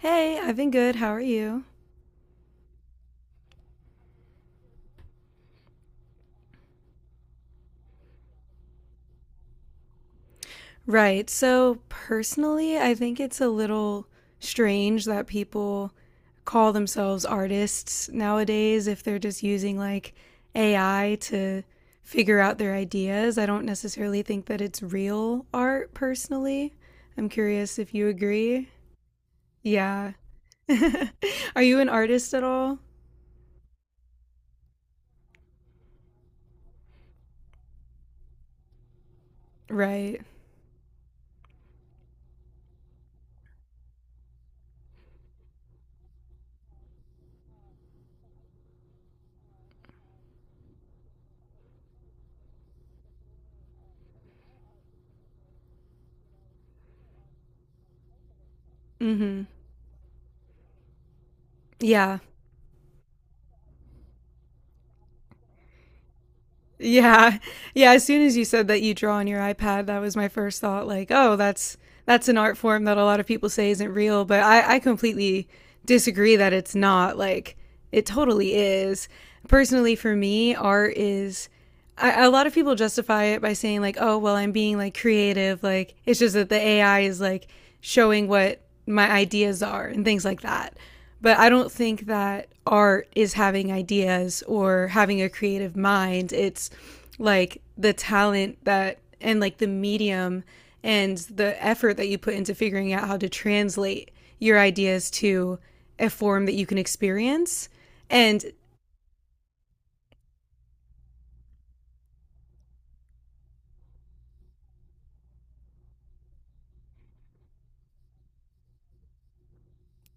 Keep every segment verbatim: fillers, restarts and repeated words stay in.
Hey, I've been good. How are you? Right. So, personally, I think it's a little strange that people call themselves artists nowadays if they're just using like A I to figure out their ideas. I don't necessarily think that it's real art, personally. I'm curious if you agree. Yeah. Are you an artist at all? Right. Mm hmm. Yeah. Yeah. Yeah, as soon as you said that you draw on your iPad, that was my first thought like, oh, that's that's an art form that a lot of people say isn't real, but I I completely disagree that it's not. Like, it totally is. Personally, for me, art is. I, a lot of people justify it by saying, like, oh, well, I'm being like creative. Like, it's just that the A I is like showing what my ideas are and things like that. But I don't think that art is having ideas or having a creative mind. It's like the talent that and like the medium and the effort that you put into figuring out how to translate your ideas to a form that you can experience. And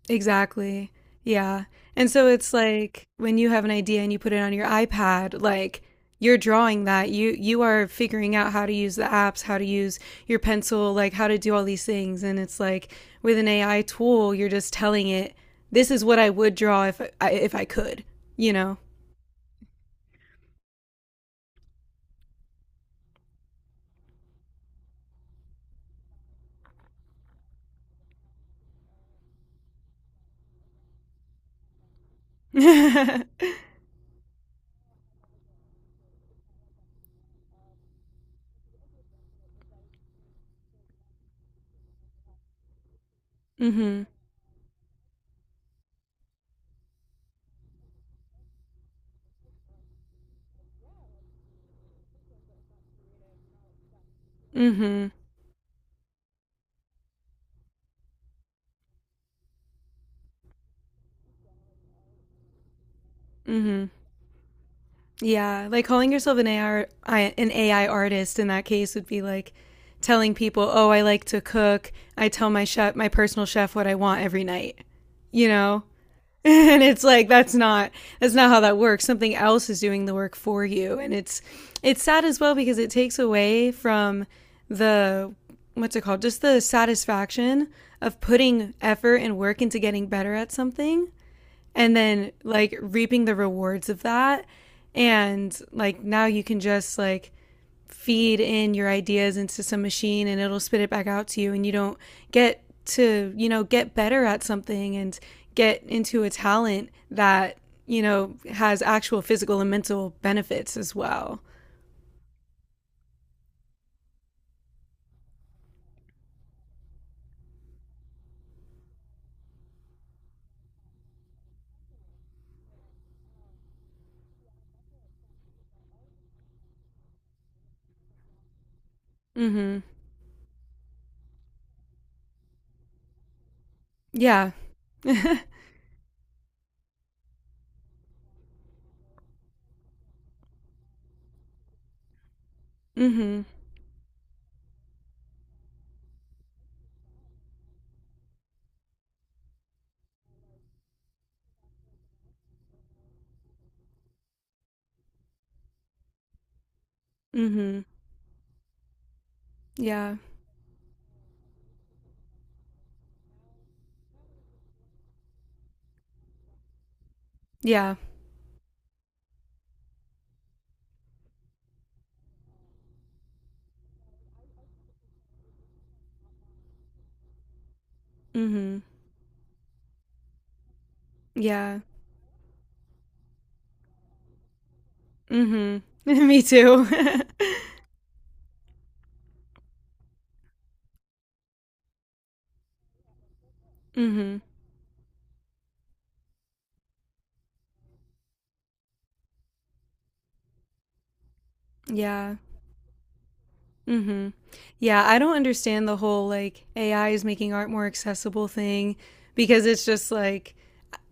exactly. Yeah. And so it's like when you have an idea and you put it on your iPad, like you're drawing that. You you are figuring out how to use the apps, how to use your pencil, like how to do all these things. And it's like with an A I tool, you're just telling it, this is what I would draw if I, if I could, you know. Mhm. Mhm. Hmm. Yeah, like calling yourself an A I an A I artist in that case would be like telling people, "Oh, I like to cook. I tell my chef, my personal chef, what I want every night." You know, and it's like that's not that's not how that works. Something else is doing the work for you, and it's it's sad as well because it takes away from the what's it called, just the satisfaction of putting effort and work into getting better at something and then like reaping the rewards of that and like now you can just like feed in your ideas into some machine and it'll spit it back out to you and you don't get to you know get better at something and get into a talent that you know has actual physical and mental benefits as well. Mm-hmm. Yeah. Mm-hmm. Mm-hmm. Yeah. Yeah. Mm-hmm. Yeah. Mm-hmm. Me too. Mm-hmm. Yeah. Mm-hmm. Yeah, I don't understand the whole like A I is making art more accessible thing because it's just like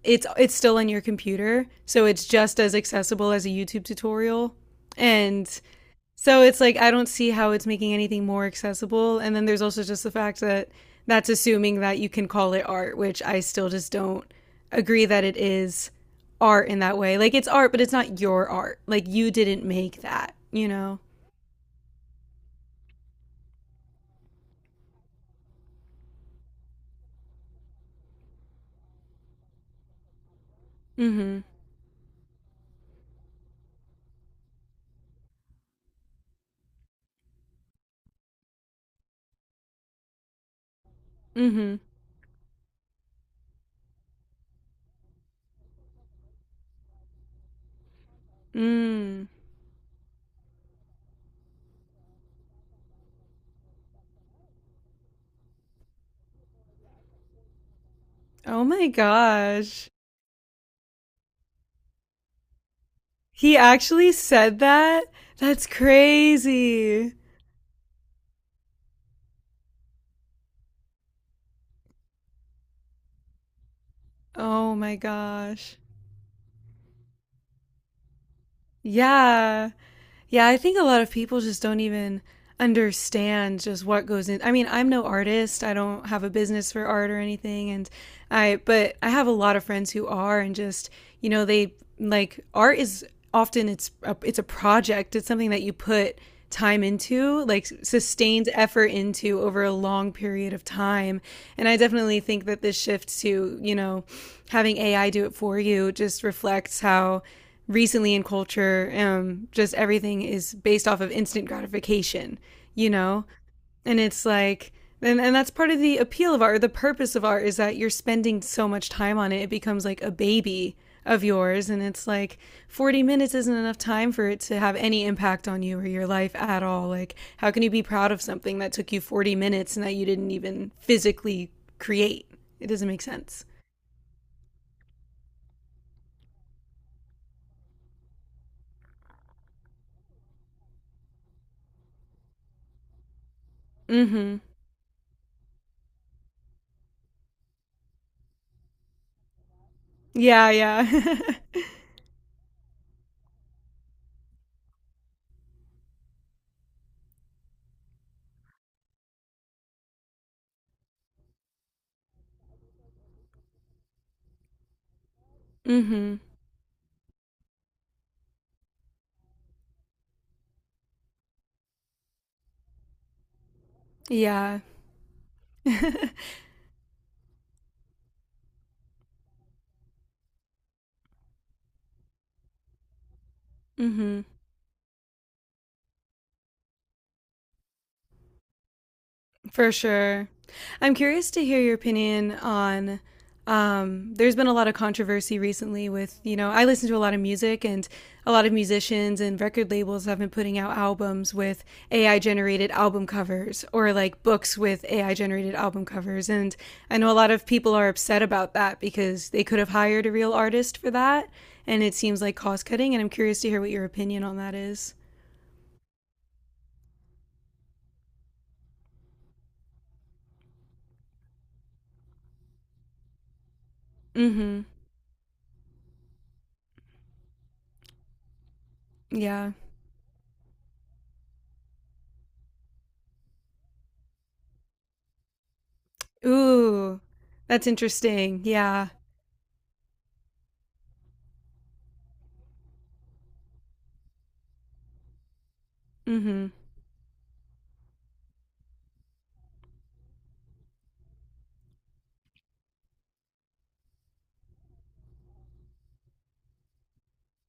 it's it's still on your computer, so it's just as accessible as a YouTube tutorial. And so it's like I don't see how it's making anything more accessible. And then there's also just the fact that that's assuming that you can call it art, which I still just don't agree that it is art in that way. Like it's art, but it's not your art. Like you didn't make that, you know? Mm-hmm. Mm-hmm. Mm. Oh my gosh. He actually said that? That's crazy. Oh my gosh. Yeah. Yeah, I think a lot of people just don't even understand just what goes in. I mean, I'm no artist. I don't have a business for art or anything and I but I have a lot of friends who are and just, you know, they like art is often it's a, it's a project. It's something that you put time into, like sustained effort into over a long period of time. And I definitely think that this shift to, you know, having A I do it for you just reflects how recently in culture, um, just everything is based off of instant gratification, you know? And it's like, and, and that's part of the appeal of art, or the purpose of art is that you're spending so much time on it, it becomes like a baby of yours. And it's like forty minutes isn't enough time for it to have any impact on you or your life at all. Like, how can you be proud of something that took you forty minutes and that you didn't even physically create? It doesn't make sense. Mm hmm. Yeah, yeah. Mm hmm. Yeah. Mm-hmm. For sure. I'm curious to hear your opinion on. Um, there's been a lot of controversy recently with, you know, I listen to a lot of music and a lot of musicians and record labels have been putting out albums with A I generated album covers or like books with A I generated album covers. And I know a lot of people are upset about that because they could have hired a real artist for that. And it seems like cost cutting. And I'm curious to hear what your opinion on that is. Mm hmm. Yeah. Ooh, that's interesting. Yeah. Mhm.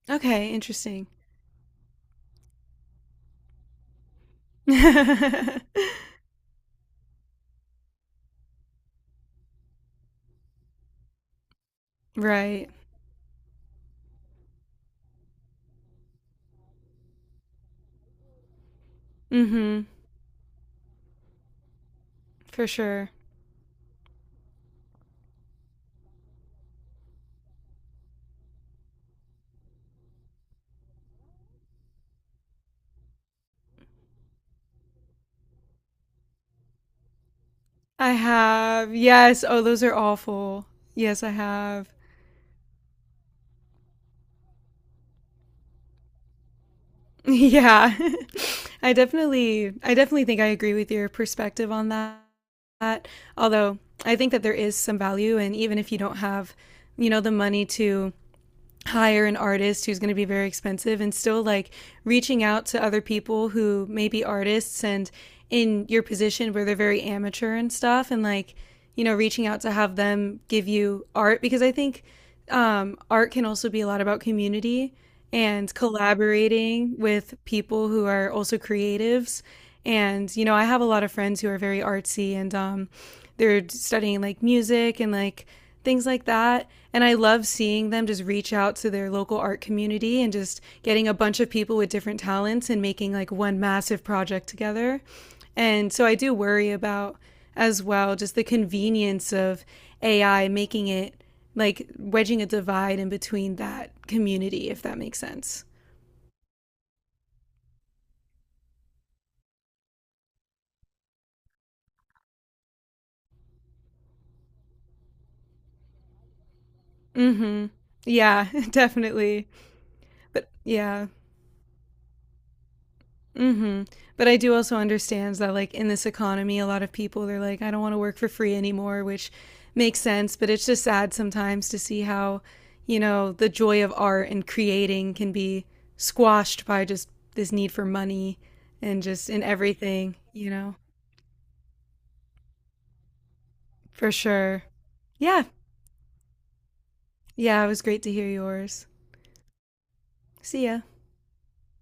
Okay, interesting. Right. Mhm. For sure. I have. Yes. Oh, those are awful. Yes, I have. Yeah. I definitely I definitely think I agree with your perspective on that. Although I think that there is some value and even if you don't have, you know, the money to hire an artist who's going to be very expensive and still like reaching out to other people who may be artists and in your position where they're very amateur and stuff and like you know reaching out to have them give you art because I think um, art can also be a lot about community and collaborating with people who are also creatives and, you know, I have a lot of friends who are very artsy and um, they're studying like music and like things like that. And I love seeing them just reach out to their local art community and just getting a bunch of people with different talents and making like one massive project together. And so I do worry about as well just the convenience of A I making it like wedging a divide in between that community, if that makes sense. Hmm. Yeah, definitely. But yeah. hmm But I do also understand that, like, in this economy, a lot of people, they're like, I don't want to work for free anymore, which makes sense. But it's just sad sometimes to see how, you know, the joy of art and creating can be squashed by just this need for money and just in everything, you know, For sure. Yeah. Yeah. It was great to hear yours. See ya.